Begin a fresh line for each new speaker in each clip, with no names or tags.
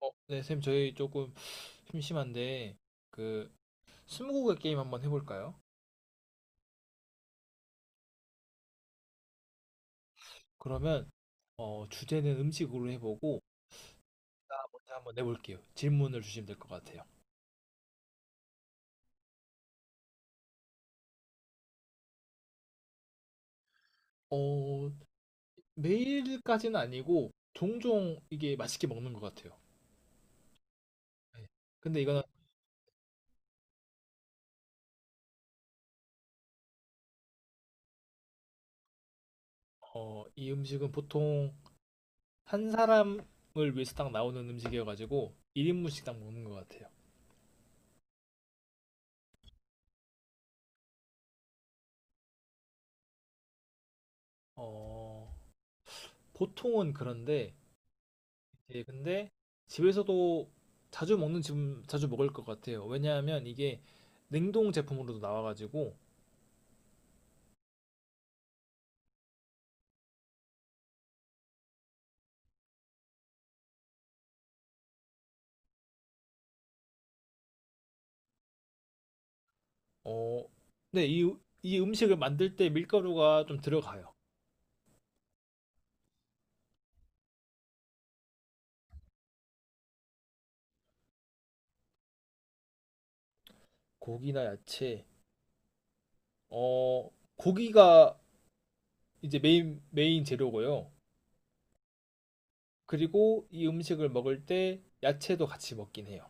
네, 쌤, 저희 조금 심심한데, 그, 스무고개 게임 한번 해볼까요? 그러면, 주제는 음식으로 해보고, 문제 한번 내볼게요. 질문을 주시면 될 것 같아요. 어, 매일까지는 아니고, 종종 이게 맛있게 먹는 것 같아요. 네. 근데 이 음식은 보통 한 사람을 위해서 딱 나오는 음식이어가지고, 1인분씩 딱 먹는 것 같아요. 어, 보통은 그런데, 예, 근데 집에서도 자주 먹는 지금 자주 먹을 것 같아요. 왜냐하면 이게 냉동 제품으로도 나와가지고 어, 네, 이 음식을 만들 때 밀가루가 좀 들어가요. 고기나 야채, 어, 고기가 이제 메인 재료고요. 그리고 이 음식을 먹을 때 야채도 같이 먹긴 해요.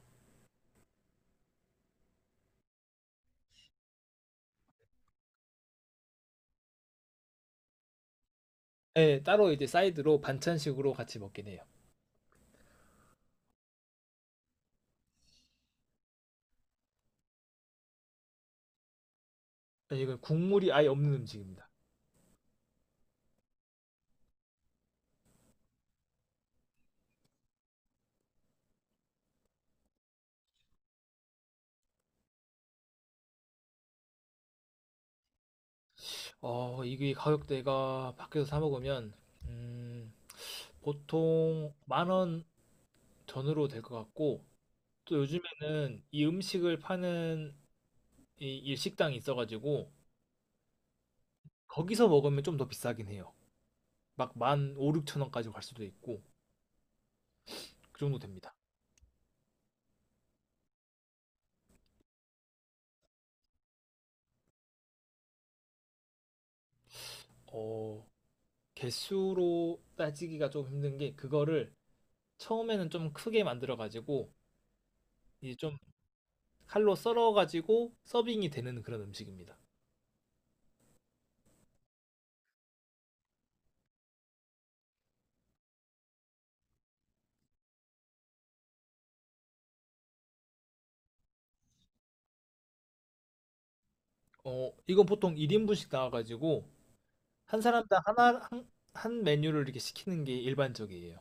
네, 따로 이제 사이드로 반찬식으로 같이 먹긴 해요. 네, 이건 국물이 아예 없는 음식입니다. 이게 가격대가 밖에서 사 먹으면 음, 보통 만 원 전으로 될 것 같고, 또 요즘에는 이 음식을 파는 이 일식당이 있어가지고 거기서 먹으면 좀 더 비싸긴 해요. 막 만 오 6천 원까지 갈 수도 있고 그 정도 됩니다. 어, 개수로 따지기가 좀 힘든 게, 그거를 처음에는 좀 크게 만들어가지고 이제 좀 칼로 썰어가지고 서빙이 되는 그런 음식입니다. 이건 보통 1인분씩 나와가지고 한 사람당 한 메뉴를 이렇게 시키는 게 일반적이에요.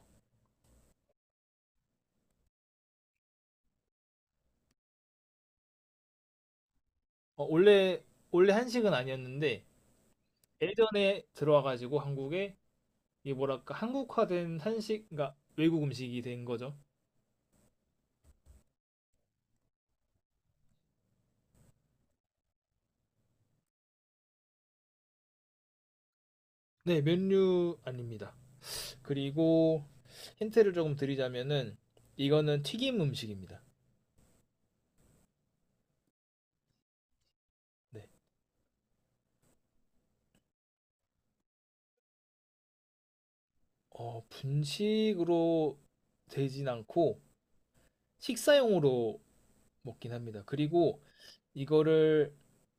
어, 원래 원래 한식은 아니었는데 예전에 들어와가지고 한국에 이게 뭐랄까 한국화된 한식, 그러니까 외국 음식이 된 거죠. 네, 면류 아닙니다. 그리고 힌트를 조금 드리자면은 이거는 튀김 음식입니다. 네, 분식으로 되진 않고 식사용으로 먹긴 합니다. 그리고 이거를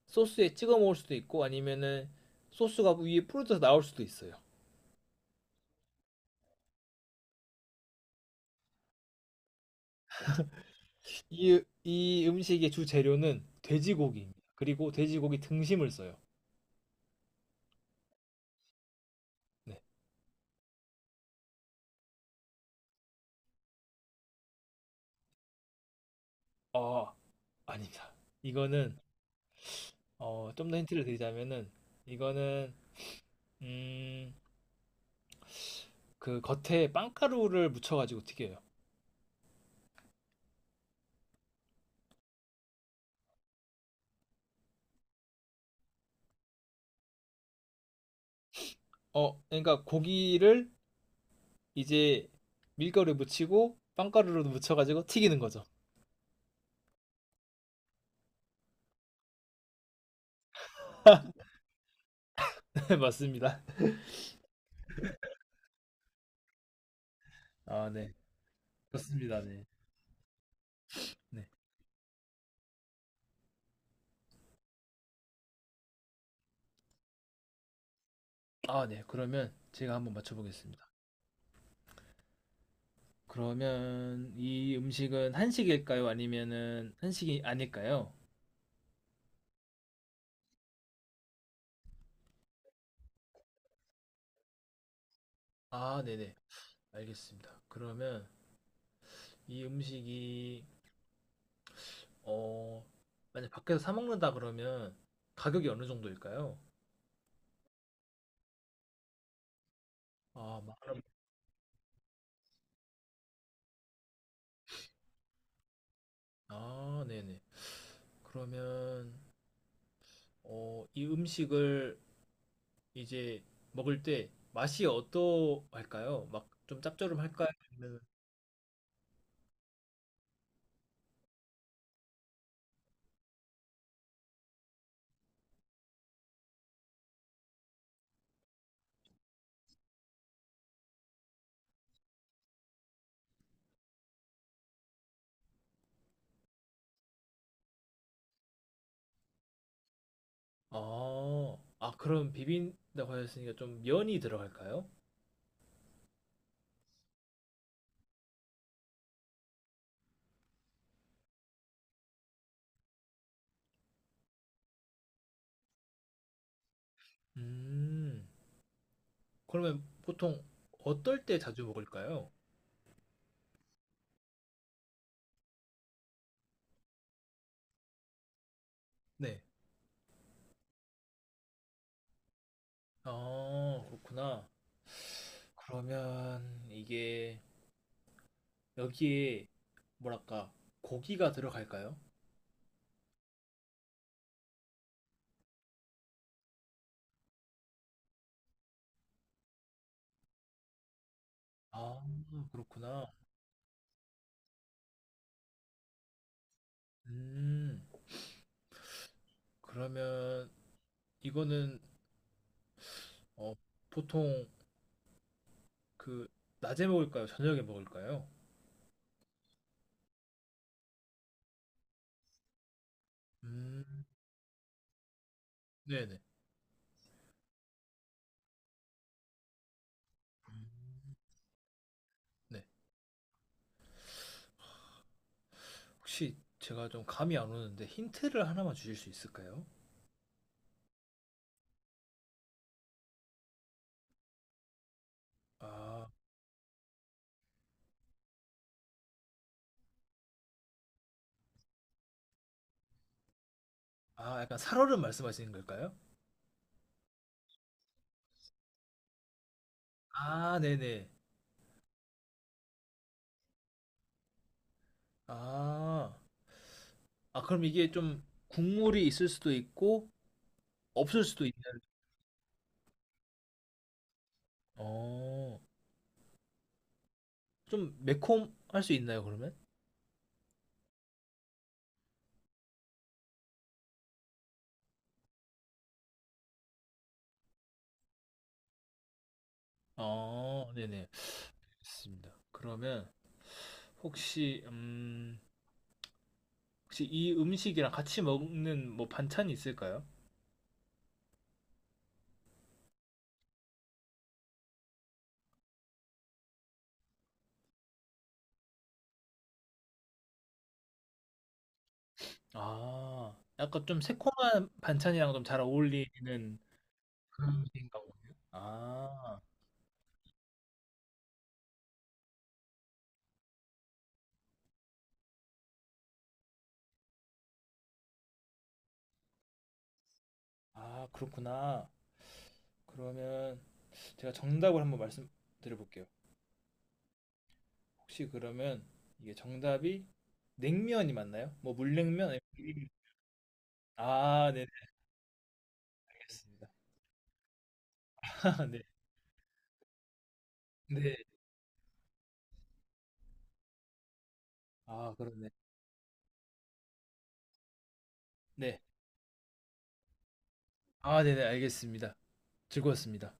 소스에 찍어 먹을 수도 있고 아니면은 소스가 위에 뿌려져서 나올 수도 있어요. 이 음식의 주 재료는 돼지고기입니다. 그리고 돼지고기 등심을 써요. 네. 어, 아닙니다. 이거는 좀 더 힌트를 드리자면은, 이거는 음, 그 겉에 빵가루를 묻혀가지고 튀겨요. 그러니까 고기를 이제 밀가루에 묻히고 빵가루로 묻혀가지고 튀기는 거죠. 네, 맞습니다. 아, 네. 그렇습니다. 네. 네. 아, 네. 그러면 제가 한번 맞춰보겠습니다. 그러면 이 음식은 한식일까요? 아니면은 한식이 아닐까요? 아, 네네. 알겠습니다. 그러면 이 음식이 어 만약 밖에서 사 먹는다 그러면 가격이 어느 정도일까요? 아, 만 원. 아, 네네. 그러면 이 음식을 이제 먹을 때 맛이 어떠할까요? 막 좀 짭조름할까요? 아니면 아, 아, 그럼 비빈다고 하셨으니까 좀 면이 들어갈까요? 음, 그러면 보통 어떨 때 자주 먹을까요? 네. 아, 그렇구나. 그러면 이게 여기에 뭐랄까 고기가 들어갈까요? 아, 그렇구나. 음, 그러면 이거는 어, 보통 그 낮에 먹을까요? 저녁에 먹을까요? 음, 네네. 음, 네. 혹시 제가 좀 감이 안 오는데 힌트를 하나만 주실 수 있을까요? 아, 아, 약간 살얼음 말씀하시는 걸까요? 아, 네네. 아, 아, 그럼 이게 좀 국물이 있을 수도 있고, 없을 수도 있는, 어, 좀 매콤할 수 있나요, 그러면? 네네. 알겠습니다. 그러면 혹시, 음, 혹시 이 음식이랑 같이 먹는 뭐 반찬이 있을까요? 아, 약간 좀 새콤한 반찬이랑 좀 잘 어울리는 그런 음식인가 보네요. 아, 아, 그렇구나. 그러면 제가 정답을 한번 말씀드려 볼게요. 혹시 그러면 이게 정답이 냉면이 맞나요? 뭐 물냉면? 아니면 비빔면? 아, 네, 알겠습니다. 네, 네. 아, 그렇네. 네. 아, 네, 네, 알겠습니다. 즐거웠습니다.